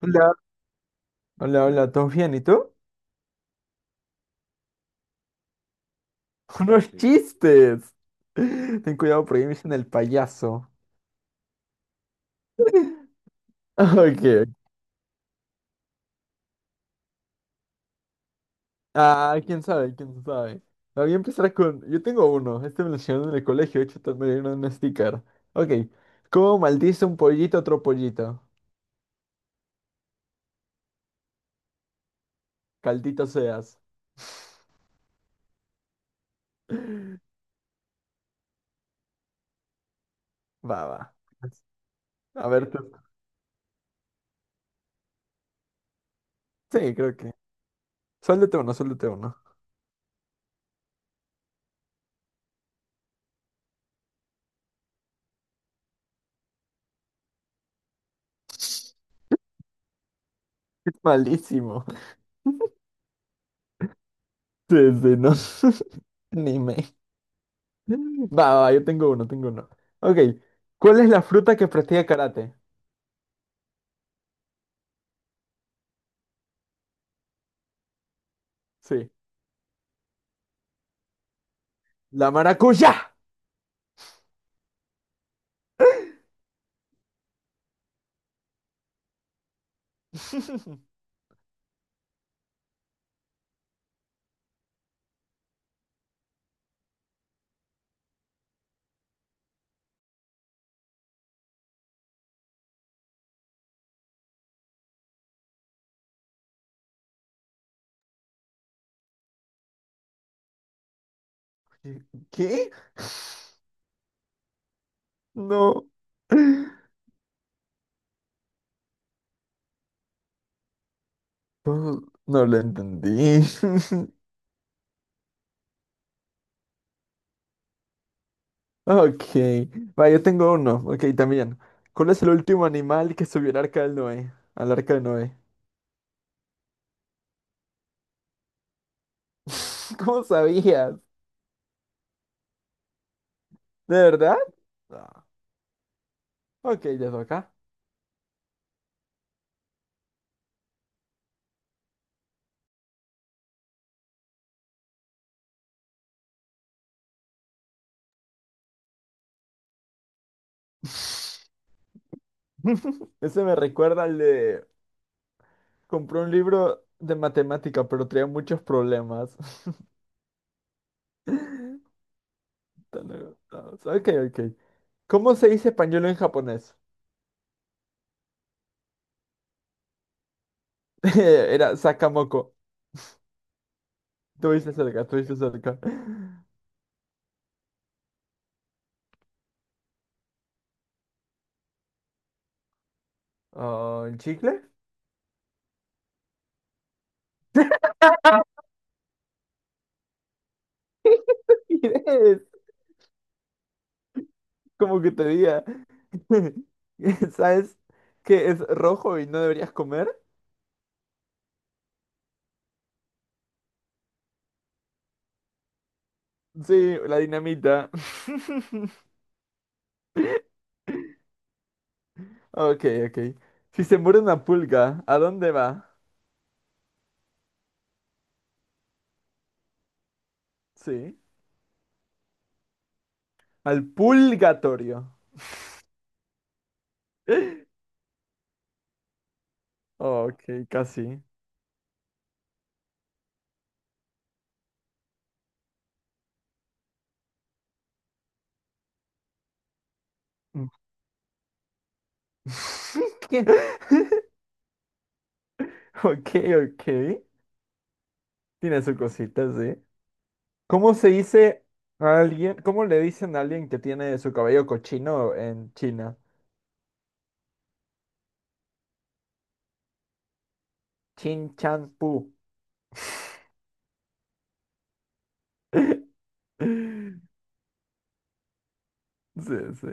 Hola, hola, hola, ¿todo bien? ¿Y tú? ¡Unos sí, chistes! Ten cuidado porque ahí me dicen el payaso. Ok. Ah, quién sabe, quién sabe. Ah, voy a empezar con. Yo tengo uno. Este me lo enseñaron en el colegio. De hecho, me dieron un sticker. Ok. ¿Cómo maldice un pollito a otro pollito? Caldito seas. Va, va. A ver, tú. Sí, creo que. Suéltate uno, suéltate uno. Es malísimo. Sí, sí, no. Anime. Va, va, yo tengo uno, tengo uno. Ok, ¿cuál es la fruta que practica karate? Sí, la maracuyá. ¿Qué? No. No, no lo entendí. Ok, va, yo tengo uno. Ok, también. ¿Cuál es el último animal que subió al arca del Noé? Al arca de Noé. ¿Cómo sabías? ¿De verdad? Ah, ok, ya acá. Ese me recuerda al de... Compré un libro de matemática, pero traía muchos problemas. Tan agotados. Ok, ok. ¿Cómo se dice pañuelo en japonés? Era sakamoko. Estuviste cerca, estuviste cerca. Ah, ¿el chicle? Mires, como que te diga. ¿Sabes que es rojo y no deberías comer? Sí, la dinamita. Ok, ok. Si se muere una pulga, ¿a dónde va? Sí. Al purgatorio. Ok, casi. Mm. ¿Qué? Ok, ok. Tiene su cosita, sí. ¿Cómo se dice a alguien, cómo le dicen a alguien que tiene su cabello cochino en China? Chin Chan Pu. Sí, sí.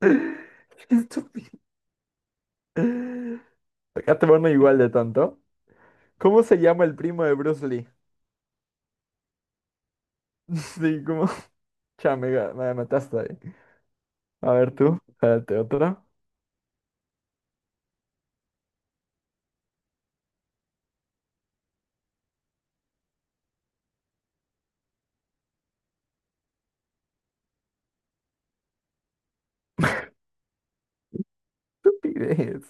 Estúpido. Acá te van igual de tanto. ¿Cómo se llama el primo de Bruce Lee? Sí, como. Ya, me mataste ahí. A ver tú, espérate, otra. Estupidez.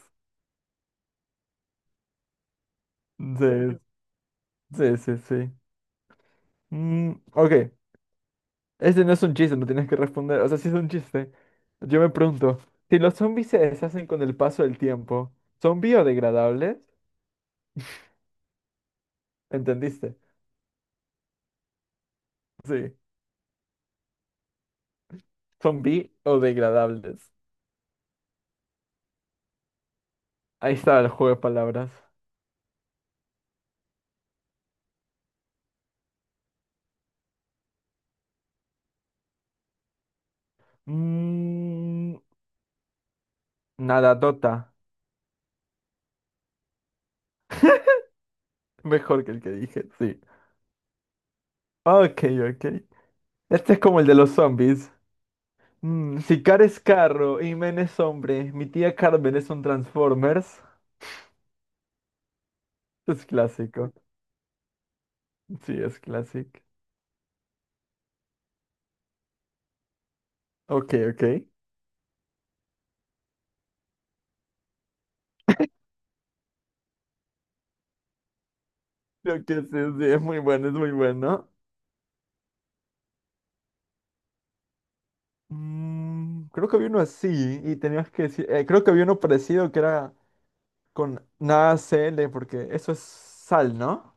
Sí, sí, sí, sí. Mm, ok, este no es un chiste, no tienes que responder. O sea, sí es un chiste. Yo me pregunto, si los zombies se deshacen con el paso del tiempo, ¿son biodegradables? ¿Entendiste? Sí, son biodegradables. Ahí está el juego de palabras. Mm, nadadota. Mejor que el que dije, sí. Ok, ok. Este es como el de los zombies. Mm, si Car es carro y Men es hombre, mi tía Carmen es un Transformers. Es clásico. Sí, es clásico. Ok, ok. Creo que sí, sí, es muy bueno, es muy bueno. Mm, creo que había uno así y tenías que decir, creo que había uno parecido que era con nada cl porque eso es sal, ¿no?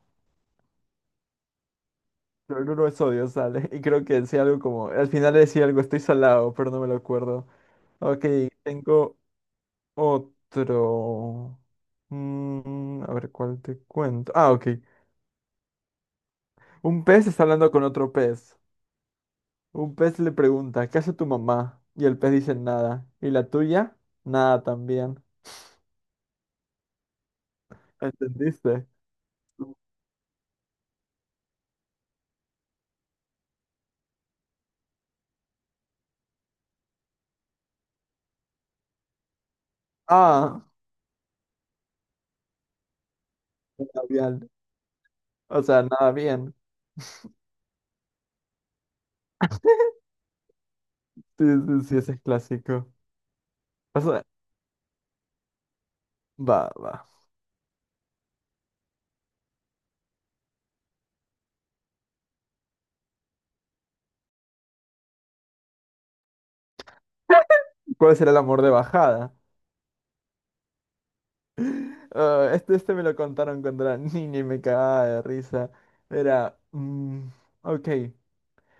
Cloruro de sodio, sal. Y creo que decía algo como, al final decía algo, estoy salado, pero no me lo acuerdo. Ok, tengo otro. Mm, a ver, ¿cuál te cuento? Ah, ok. Un pez está hablando con otro pez. Un pez le pregunta, ¿qué hace tu mamá? Y el pez dice nada. ¿Y la tuya? Nada también. ¿Entendiste? Ah, labial. O sea, nada bien. Sí, sí, sí, ese es clásico. O sea, va, va. ¿Cuál será el amor de bajada? Ah, este me lo contaron cuando era niña y me cagaba de risa. Era, mm, ok,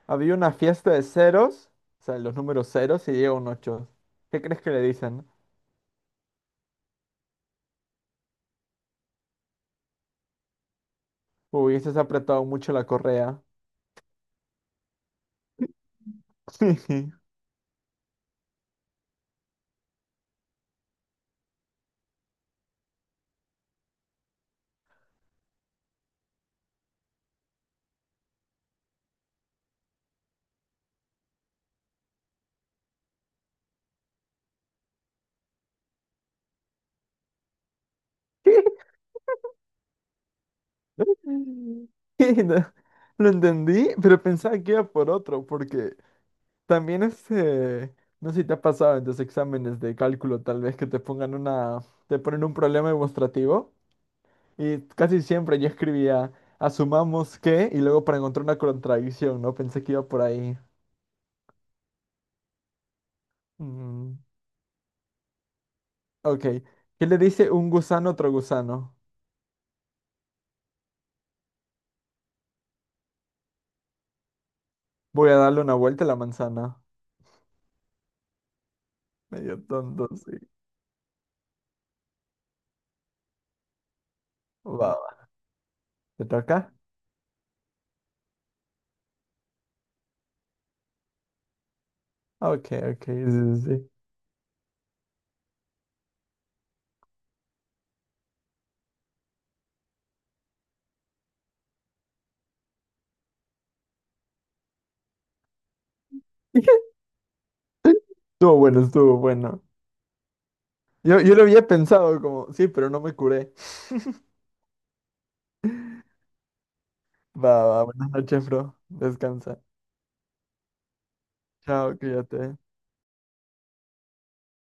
había una fiesta de ceros, o sea, los números ceros y llega un ocho. ¿Qué crees que le dicen? ¿Hubieses apretado mucho la correa? ¿Qué? ¿Qué? No, lo entendí, pero pensaba que iba por otro, porque también este, no sé si te ha pasado en tus exámenes de cálculo, tal vez que te pongan una, te ponen un problema demostrativo, y casi siempre yo escribía, asumamos que, y luego para encontrar una contradicción, ¿no? Pensé que iba por ahí. Mm, ok. ¿Qué le dice un gusano a otro gusano? Voy a darle una vuelta a la manzana. Medio tonto, sí. Va, va. ¿Te toca? Ok, ok, sí, sí, sí. Estuvo bueno, estuvo bueno. Yo lo había pensado como, sí, pero no me curé. Va, va, buenas noches, bro. Descansa. Chao, cuídate.